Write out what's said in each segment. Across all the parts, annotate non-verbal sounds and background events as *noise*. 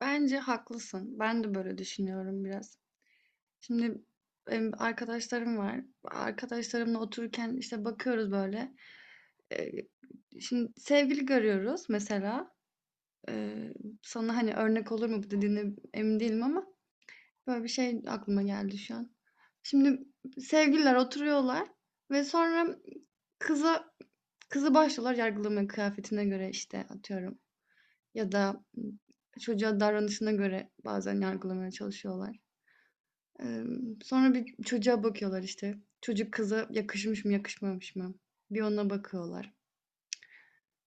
Bence haklısın. Ben de böyle düşünüyorum biraz. Şimdi benim arkadaşlarım var. Arkadaşlarımla otururken işte bakıyoruz böyle. Ee, Şimdi sevgili görüyoruz mesela. Ee, Sana hani örnek olur mu bu dediğine emin değilim ama böyle bir şey aklıma geldi şu an. Şimdi sevgililer oturuyorlar ve sonra kıza kızı başlıyorlar yargılamaya kıyafetine göre işte atıyorum. Ya da, çocuğa davranışına göre bazen yargılamaya çalışıyorlar. Sonra bir çocuğa bakıyorlar işte. Çocuk kıza yakışmış mı, yakışmamış mı? Bir ona bakıyorlar.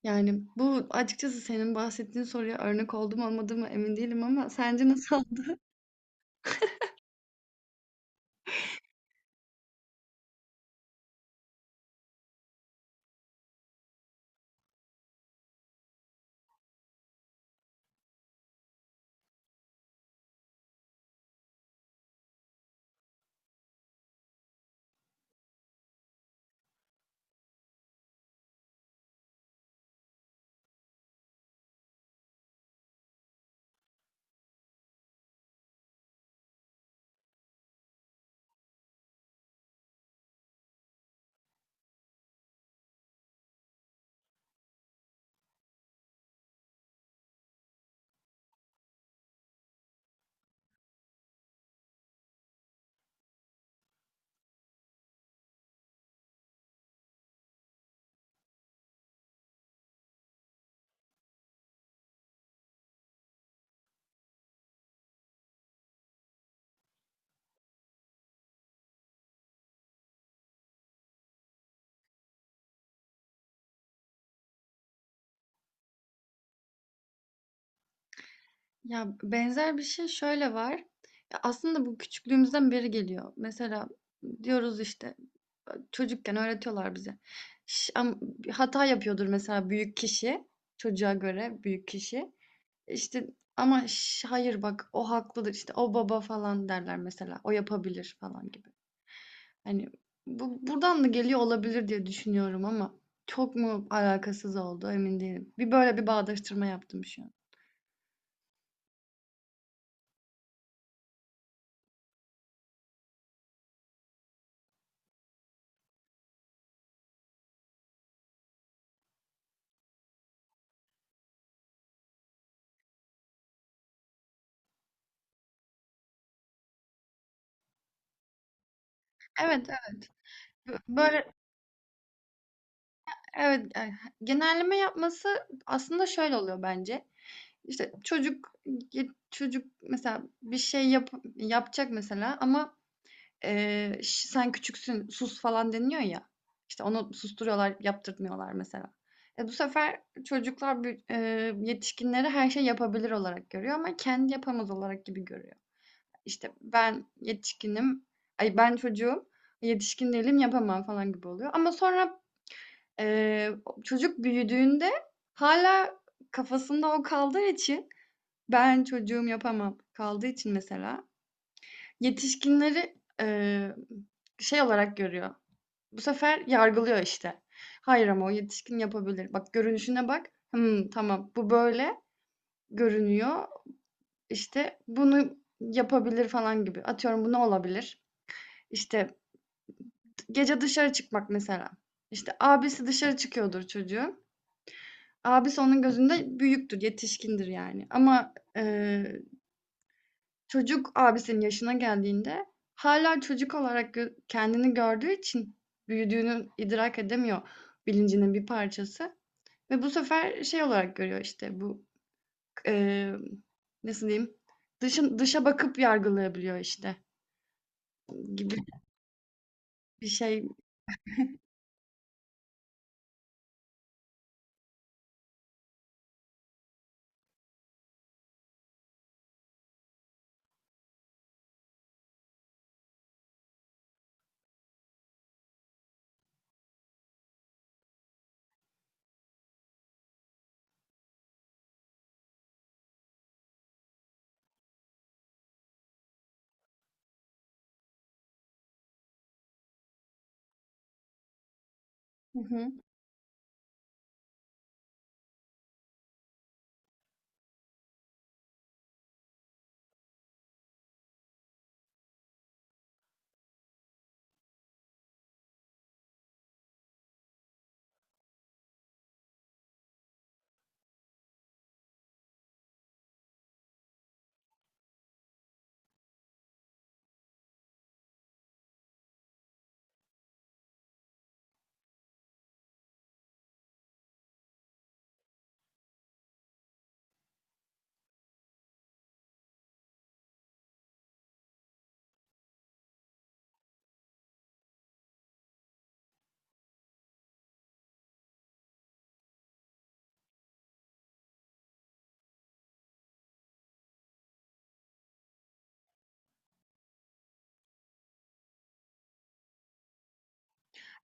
Yani bu açıkçası senin bahsettiğin soruya örnek oldu mu olmadı mı emin değilim ama sence nasıl oldu? *laughs* Ya, benzer bir şey şöyle var. Ya, aslında bu küçüklüğümüzden beri geliyor. Mesela diyoruz işte, çocukken öğretiyorlar bize. Ş am Hata yapıyordur mesela büyük kişi, çocuğa göre büyük kişi. İşte ama "Şş, hayır bak o haklıdır.", işte, "O baba." falan derler mesela. "O yapabilir." falan gibi. Hani bu buradan da geliyor olabilir diye düşünüyorum ama çok mu alakasız oldu emin değilim. Bir böyle bir bağdaştırma yaptım şu an. Evet, evet. Böyle evet, genelleme yapması aslında şöyle oluyor bence. İşte çocuk mesela bir şey yapacak mesela ama ş "Sen küçüksün, sus." falan deniliyor ya. İşte, onu susturuyorlar, yaptırtmıyorlar mesela. Bu sefer çocuklar büyü yetişkinleri her şey yapabilir olarak görüyor ama kendi yapamaz olarak gibi görüyor. İşte, ben yetişkinim, ay, ben çocuğum, yetişkin değilim, yapamam falan gibi oluyor ama sonra, eee, çocuk büyüdüğünde hala kafasında o kaldığı için ben çocuğum, yapamam kaldığı için mesela yetişkinleri, şey olarak görüyor. Bu sefer yargılıyor işte. Hayır ama o yetişkin yapabilir. Bak görünüşüne bak. Hımm, tamam bu böyle görünüyor. İşte bunu yapabilir falan gibi. Atıyorum bu ne olabilir? İşte gece dışarı çıkmak mesela. İşte abisi dışarı çıkıyordur çocuğun. Abisi onun gözünde büyüktür, yetişkindir yani ama, çocuk abisinin yaşına geldiğinde hala çocuk olarak kendini gördüğü için büyüdüğünü idrak edemiyor, bilincinin bir parçası ve bu sefer şey olarak görüyor, işte, emm, nasıl diyeyim, dışa bakıp yargılayabiliyor, işte, gibi bir şey. Hı hı.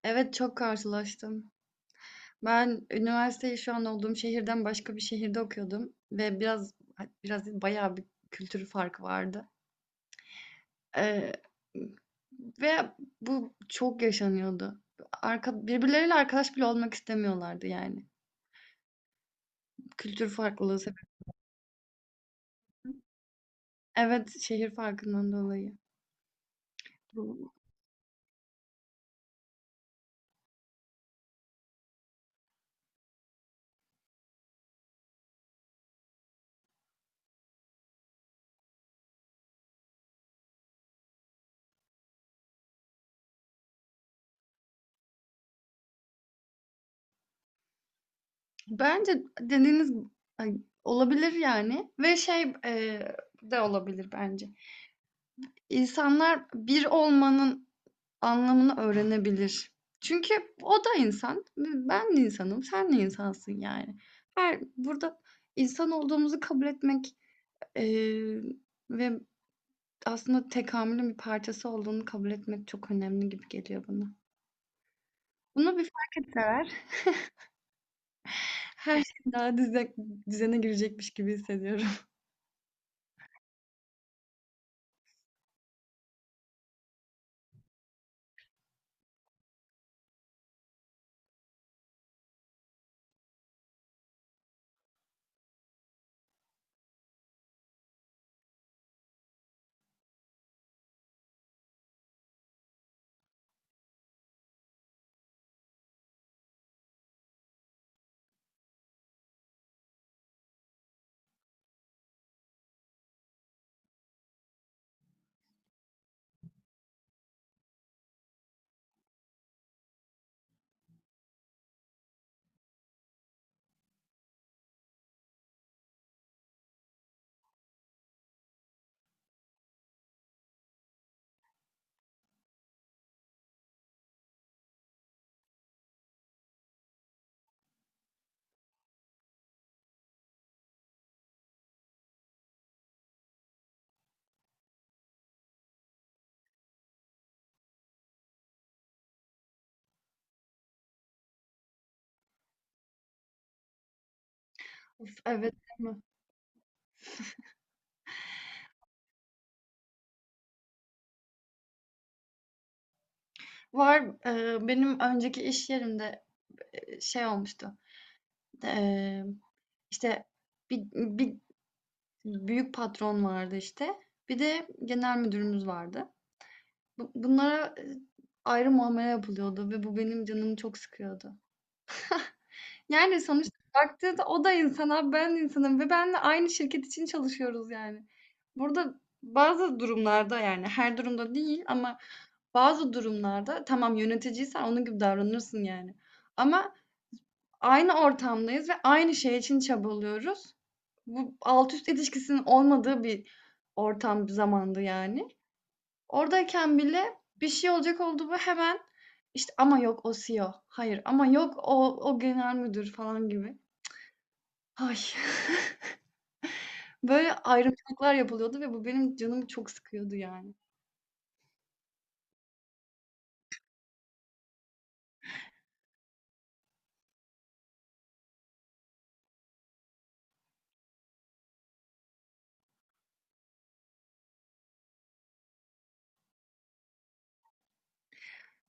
Evet, çok karşılaştım. Ben üniversiteyi şu an olduğum şehirden başka bir şehirde okuyordum ve biraz değil, bayağı bir kültür farkı vardı. Eee, Ve bu çok yaşanıyordu. Birbirleriyle arkadaş bile olmak istemiyorlardı yani. Kültür farklılığı sebebi. Evet, şehir farkından dolayı. Bu- Bence dediğiniz, ay, olabilir yani ve şey, de olabilir bence. İnsanlar bir olmanın anlamını öğrenebilir. Çünkü o da insan, ben de insanım, sen de insansın yani. Her burada insan olduğumuzu kabul etmek, Emm, ve aslında tekamülün bir parçası olduğunu kabul etmek çok önemli gibi geliyor bana. Bunu bir fark etseler *laughs* her şey daha düzene girecekmiş gibi hissediyorum. Of, evet, değil mi? Var, benim önceki iş yerimde, şey olmuştu. Eee, işte, bir büyük patron vardı, işte, bir de genel müdürümüz vardı. Bunlara, ayrı muamele yapılıyordu ve bu benim canımı çok sıkıyordu. Yani, sonuçta baktığında o da insan ben insanım ve benle aynı şirket için çalışıyoruz yani. Burada bazı durumlarda, yani her durumda değil ama bazı durumlarda tamam yöneticiysen onun gibi davranırsın yani. Ama aynı ortamdayız ve aynı şey için çabalıyoruz. Bu alt üst ilişkisinin olmadığı bir ortam, bir zamandı yani. Oradayken bile bir şey olacak oldu mu hemen, işte, "Ama yok o CEO, hayır ama yok o genel müdür." falan gibi. Ay, *laughs* böyle ayrımcılıklar yapılıyordu ve bu benim canımı çok sıkıyordu yani.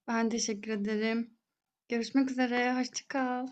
Ben teşekkür ederim. Görüşmek üzere, hoşça kal.